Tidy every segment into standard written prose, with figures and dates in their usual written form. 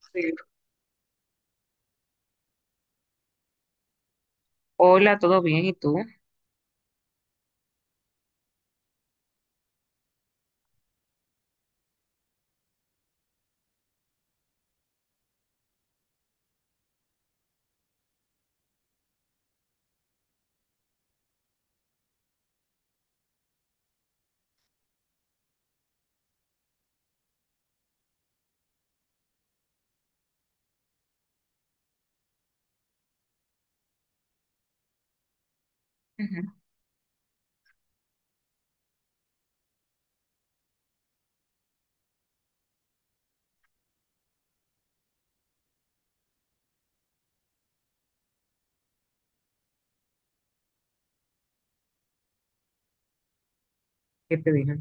Sí. Hola, ¿todo bien? ¿Y tú? Ujú. ¿Qué te dije?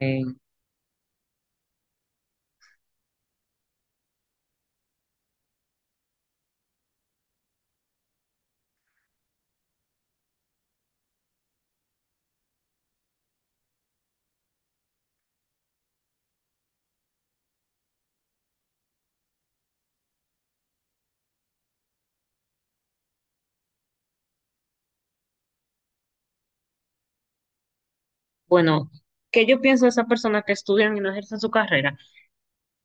Eh, bueno, ¿qué yo pienso de esas personas que estudian y no ejercen su carrera?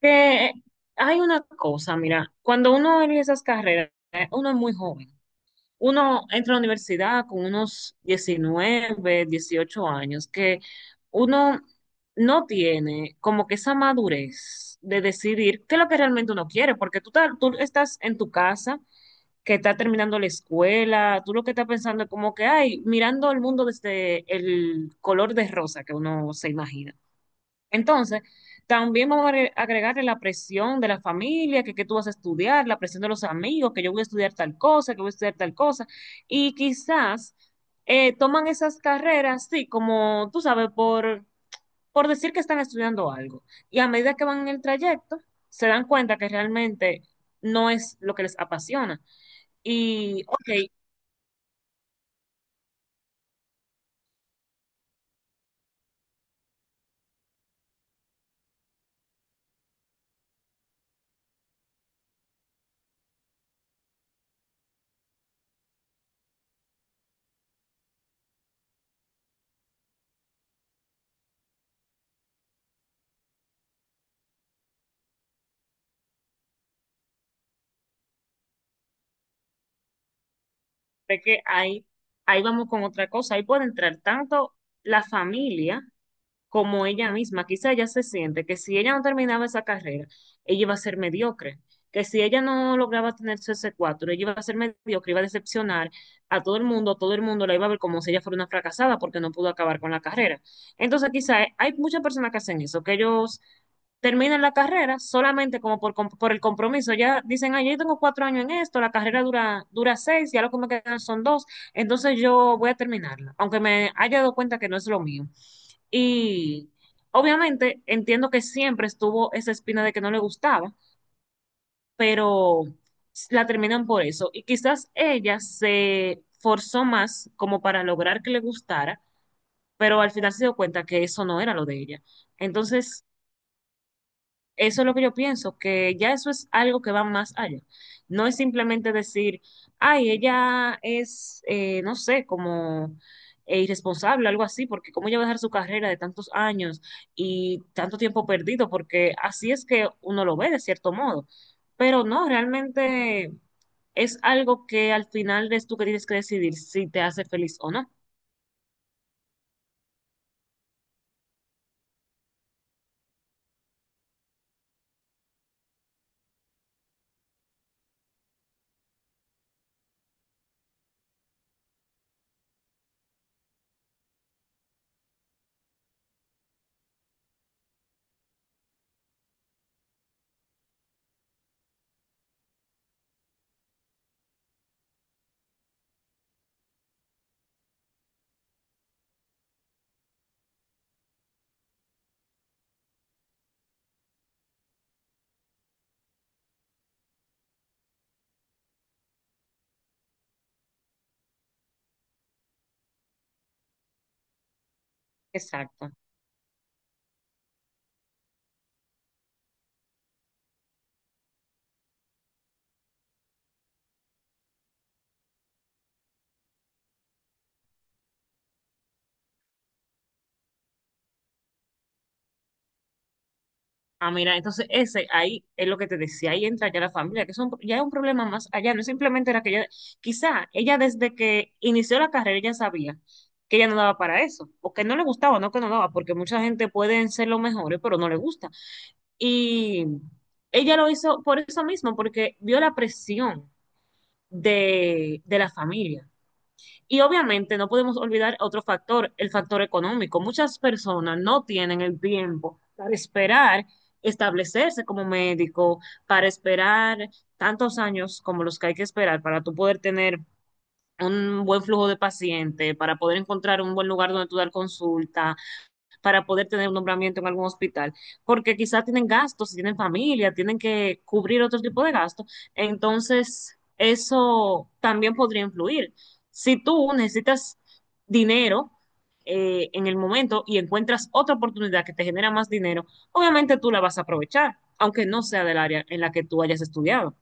Que hay una cosa, mira, cuando uno elige esas carreras, uno es muy joven. Uno entra a la universidad con unos 19, 18 años, que uno no tiene como que esa madurez de decidir qué es lo que realmente uno quiere, porque tú estás en tu casa que está terminando la escuela. Tú lo que estás pensando es como que, ay, mirando el mundo desde el color de rosa que uno se imagina. Entonces, también vamos a agregarle la presión de la familia, que tú vas a estudiar, la presión de los amigos, que yo voy a estudiar tal cosa, que voy a estudiar tal cosa, y quizás toman esas carreras, sí, como tú sabes, por decir que están estudiando algo. Y a medida que van en el trayecto, se dan cuenta que realmente no es lo que les apasiona y, ok, ve que ahí vamos con otra cosa. Ahí puede entrar tanto la familia como ella misma. Quizá ella se siente que si ella no terminaba esa carrera, ella iba a ser mediocre. Que si ella no lograba tener su S4, ella iba a ser mediocre, iba a decepcionar a todo el mundo la iba a ver como si ella fuera una fracasada porque no pudo acabar con la carrera. Entonces, quizá hay muchas personas que hacen eso, que ellos terminan la carrera solamente como por el compromiso. Ya dicen, ah, yo tengo cuatro años en esto, la carrera dura 6, ya lo que me quedan son 2, entonces yo voy a terminarla, aunque me haya dado cuenta que no es lo mío. Y obviamente entiendo que siempre estuvo esa espina de que no le gustaba, pero la terminan por eso. Y quizás ella se forzó más como para lograr que le gustara, pero al final se dio cuenta que eso no era lo de ella. Entonces, eso es lo que yo pienso, que ya eso es algo que va más allá. No es simplemente decir, ay, ella es, no sé, como irresponsable, algo así, porque cómo ella va a dejar su carrera de tantos años y tanto tiempo perdido, porque así es que uno lo ve de cierto modo. Pero no, realmente es algo que al final eres tú que tienes que decidir si te hace feliz o no. Exacto. Ah, mira, entonces ese ahí es lo que te decía, ahí entra ya la familia, que es ya es un problema más allá, no simplemente era que ella, quizá ella desde que inició la carrera ya sabía que ella no daba para eso, o que no le gustaba, no que no daba, porque mucha gente pueden ser los mejores, pero no le gusta. Y ella lo hizo por eso mismo, porque vio la presión de la familia. Y obviamente no podemos olvidar otro factor, el factor económico. Muchas personas no tienen el tiempo para esperar establecerse como médico, para esperar tantos años como los que hay que esperar para tú poder tener un buen flujo de pacientes, para poder encontrar un buen lugar donde tú dar consulta, para poder tener un nombramiento en algún hospital, porque quizás tienen gastos, tienen familia, tienen que cubrir otro tipo de gastos. Entonces, eso también podría influir. Si tú necesitas dinero en el momento y encuentras otra oportunidad que te genera más dinero, obviamente tú la vas a aprovechar, aunque no sea del área en la que tú hayas estudiado.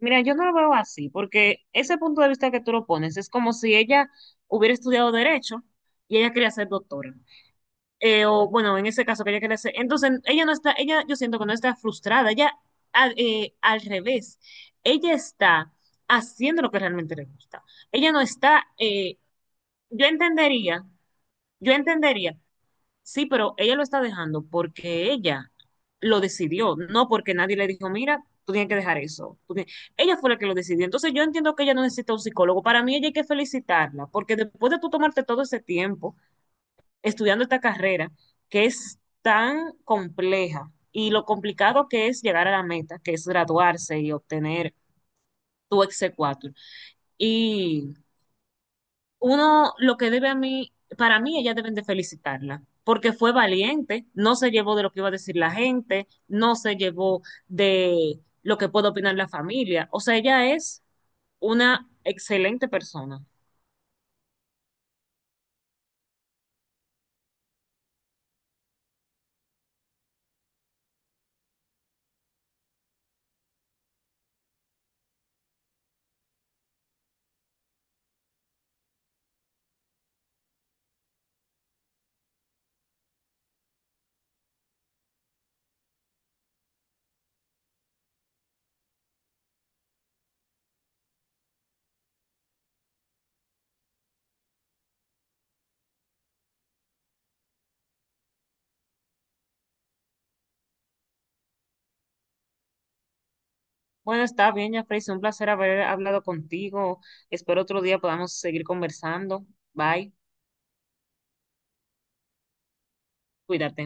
Mira, yo no lo veo así, porque ese punto de vista que tú lo pones es como si ella hubiera estudiado derecho y ella quería ser doctora. O bueno, en ese caso quería que le quiere. Entonces, ella yo siento que no está frustrada, ella al, al revés, ella está haciendo lo que realmente le gusta. Ella no está, yo entendería, sí, pero ella lo está dejando porque ella lo decidió, no porque nadie le dijo, mira, tú tienes que dejar eso. Tú tienes-". Ella fue la que lo decidió. Entonces yo entiendo que ella no necesita un psicólogo. Para mí ella hay que felicitarla, porque después de tú tomarte todo ese tiempo estudiando esta carrera que es tan compleja y lo complicado que es llegar a la meta, que es graduarse y obtener tu exequatur. Y uno, lo que debe a mí, para mí ellas deben de felicitarla, porque fue valiente, no se llevó de lo que iba a decir la gente, no se llevó de lo que puede opinar la familia. O sea, ella es una excelente persona. Bueno, está bien, ya, Jeffrey. Un placer haber hablado contigo. Espero otro día podamos seguir conversando. Bye. Cuídate.